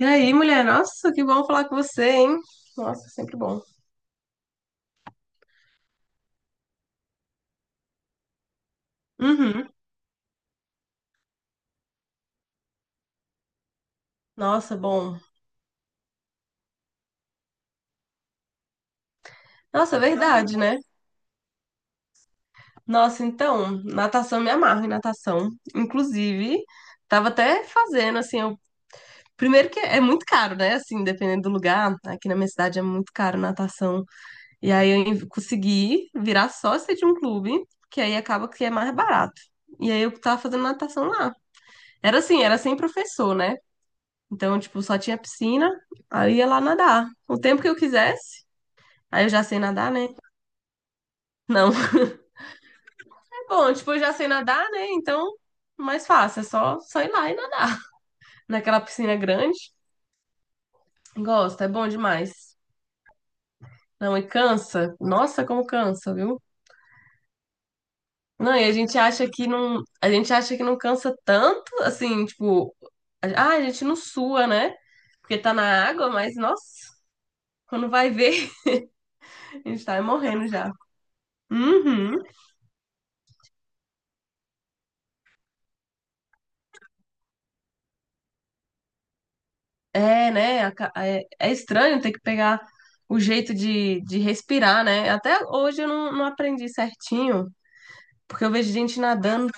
E aí, mulher? Nossa, que bom falar com você, hein? Nossa, sempre bom. Uhum. Nossa, bom. Nossa, é verdade, né? Nossa, então, natação, me amarro em natação. Inclusive, tava até fazendo, assim, eu... primeiro que é muito caro, né? Assim, dependendo do lugar, aqui na minha cidade é muito caro natação. E aí consegui virar sócia de um clube, que aí acaba que é mais barato. E aí eu tava fazendo natação lá. Era assim, era sem professor, né? Então, tipo, só tinha piscina, aí eu ia lá nadar o tempo que eu quisesse, aí eu já sei nadar, né? Não. Bom, tipo, eu já sei nadar, né? Então, mais fácil, é só ir lá e nadar. Naquela piscina grande. Gosto, é bom demais. Não, e cansa. Nossa, como cansa, viu? Não, e a gente acha que não, a gente acha que não cansa tanto, assim, tipo, ah, a gente não sua, né? Porque tá na água, mas nossa, quando vai ver, a gente tá morrendo já. Uhum. É, né? É, é estranho ter que pegar o jeito de respirar, né? Até hoje eu não aprendi certinho, porque eu vejo gente nadando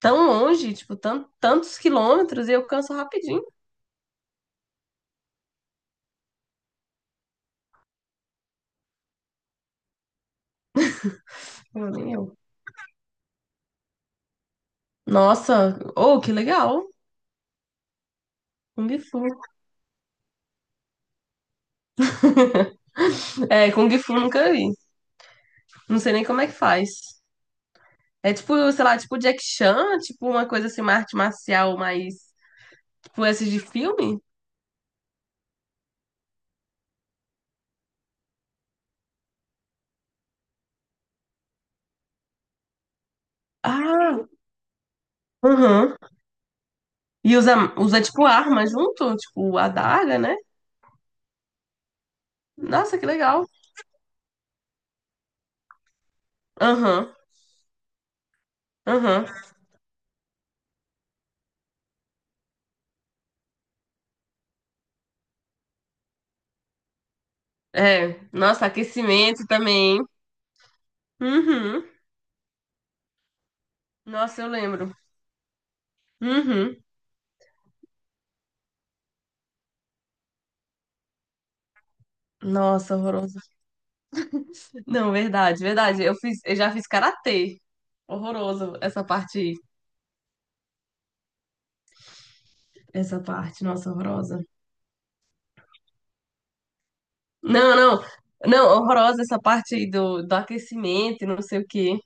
tão longe, tipo, tantos quilômetros, e eu canso rapidinho. Tipo, nem eu. Nossa, oh, que legal! Kung Fu. É, Kung Fu eu nunca vi. Não sei nem como é que faz. É tipo, sei lá, tipo Jack Chan, tipo uma coisa assim, uma arte marcial mais. Tipo, esses de filme? Ah, uhum. E usa, usa tipo arma junto, tipo adaga, né? Nossa, que legal. Aham, aham. É, nossa, aquecimento também, hein? Uhum. Nossa, eu lembro. Uhum. Nossa, horroroso. Não, verdade, verdade. Eu já fiz karatê. Horroroso essa parte, nossa, horrorosa. Não, não. Não, horrorosa essa parte aí do aquecimento, e não sei o quê.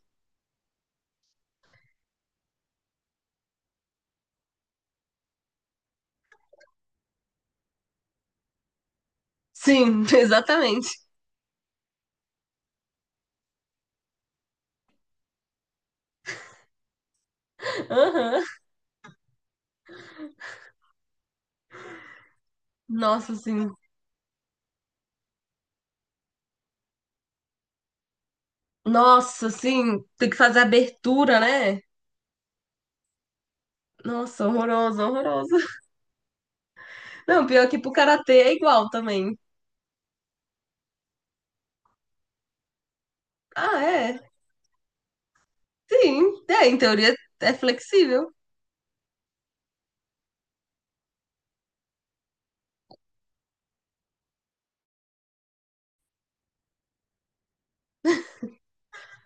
Sim, exatamente. Aham. Nossa, sim. Nossa, assim, tem que fazer abertura, né? Nossa, horroroso, horroroso. Não, pior que pro karatê é igual também. Ah, é? Sim, é, em teoria é flexível.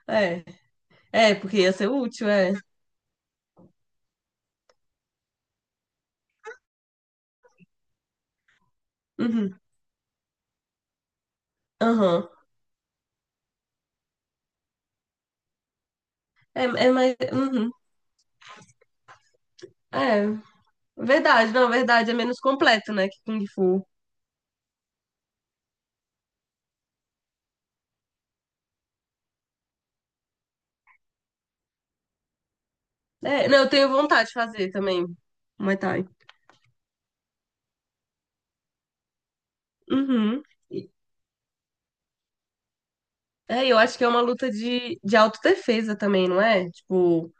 É, é, porque ia ser útil, é. Uhum, aham. É, é mais. Uhum, é, verdade, não, verdade, é menos completo, né, que Kung Fu. É, não, eu tenho vontade de fazer também, Muay Thai. Uhum. E- É, eu acho que é uma luta de autodefesa também, não é? Tipo,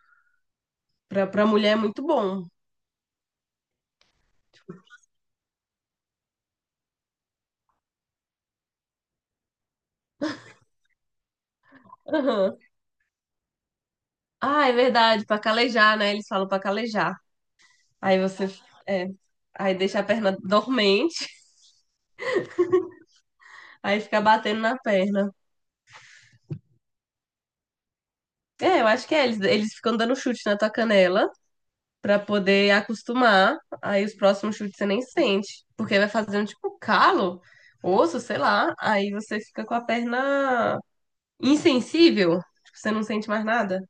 pra mulher é muito bom. Aham. Ah, é verdade, pra calejar, né? Eles falam pra calejar. Aí você, é, aí deixa a perna dormente, aí fica batendo na perna. É, eu acho que é, eles ficam dando chute na tua canela pra poder acostumar. Aí os próximos chutes você nem sente, porque vai fazendo tipo calo, osso, sei lá. Aí você fica com a perna insensível, tipo, você não sente mais nada.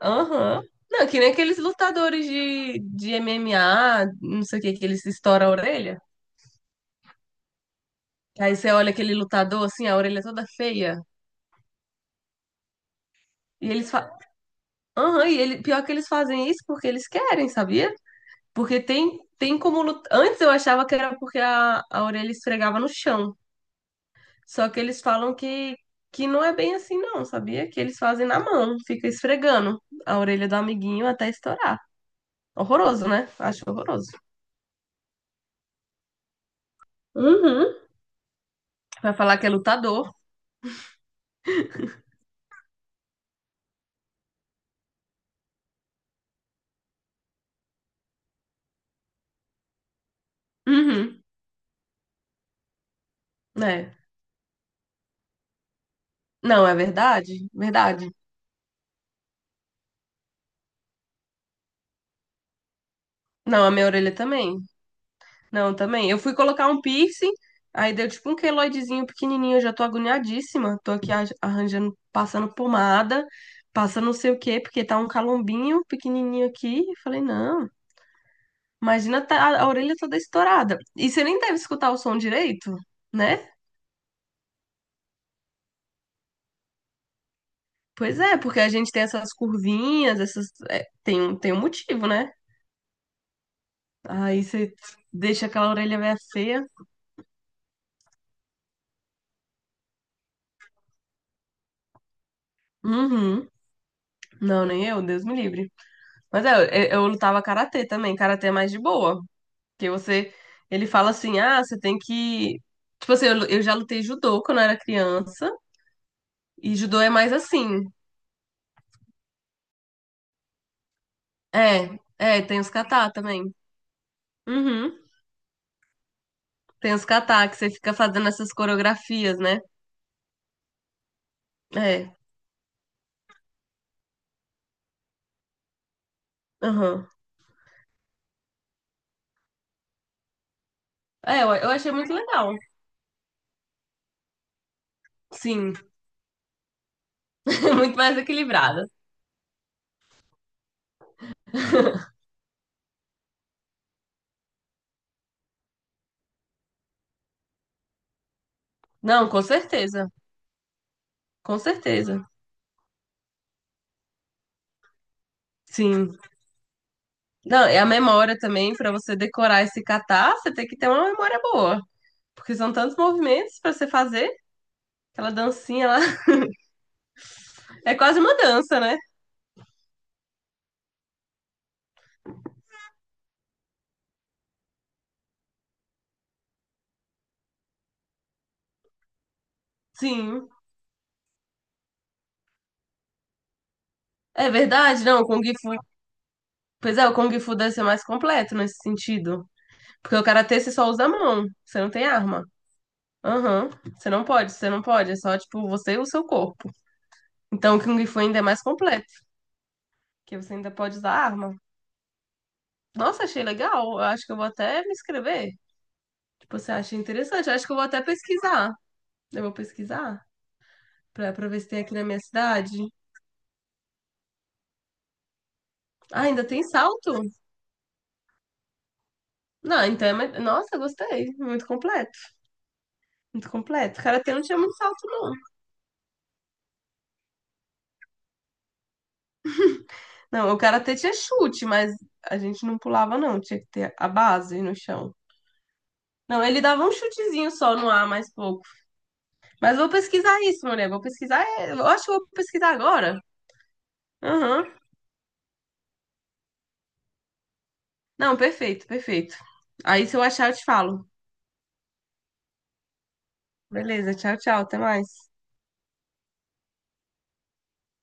Aham. Não, que nem aqueles lutadores de MMA, não sei o que, que eles estouram a orelha. Aí você olha aquele lutador, assim, a orelha toda feia. E eles falam. Aham, e ele... pior que eles fazem isso porque eles querem, sabia? Porque tem, tem como lutar. Antes eu achava que era porque a orelha esfregava no chão. Só que eles falam que não é bem assim, não, sabia? Que eles fazem na mão, fica esfregando a orelha do amiguinho até estourar. Horroroso, né? Acho horroroso. Uhum. Vai falar que é lutador. Uhum. É. Não, é verdade? Verdade. Não, a minha orelha também. Não, também. Eu fui colocar um piercing, aí deu tipo um queloidezinho pequenininho. Eu já tô agoniadíssima. Tô aqui arranjando, passando pomada, passando não sei o quê, porque tá um calombinho pequenininho aqui. Eu falei, não, imagina a orelha toda estourada. E você nem deve escutar o som direito, né? Pois é, porque a gente tem essas curvinhas, essas. É, tem, tem um motivo, né? Aí você deixa aquela orelha meio feia. Uhum. Não, nem eu, Deus me livre. Mas é, eu lutava karatê também. Karatê é mais de boa. Porque você. Ele fala assim: ah, você tem que. Tipo assim, eu, eu já lutei judô quando eu era criança. E judô é mais assim. É, é, tem os kata também. Uhum. Tem os kata que você fica fazendo essas coreografias, né? É, aham. É, eu achei muito legal. Sim, muito mais equilibrada. Não, com certeza. Com certeza. Sim. Não, é a memória também, pra você decorar esse kata, você tem que ter uma memória boa. Porque são tantos movimentos pra você fazer. Aquela dancinha lá. É quase uma dança, né? Sim. É verdade, não. O Kung Fu. Pois é, o Kung Fu deve ser mais completo nesse sentido. Porque o karatê você só usa a mão. Você não tem arma. Aham. Você não pode. É só, tipo, você e o seu corpo. Então o Kung Fu ainda é mais completo. Porque você ainda pode usar arma. Nossa, achei legal. Eu acho que eu vou até me inscrever. Tipo, você acha interessante? Eu acho que eu vou até pesquisar. Eu vou pesquisar pra ver se tem aqui na minha cidade. Ah, ainda tem salto? Não, então é mais... Nossa, gostei. Muito completo. Muito completo. O karatê não tinha muito salto, não. Não, o karatê tinha chute, mas a gente não pulava, não. Tinha que ter a base no chão. Não, ele dava um chutezinho só no ar, mais pouco. Mas vou pesquisar isso, mulher. Vou pesquisar. É, eu acho que vou pesquisar agora. Aham. Não, perfeito, perfeito. Aí se eu achar, eu te falo. Beleza, tchau, tchau. Até mais.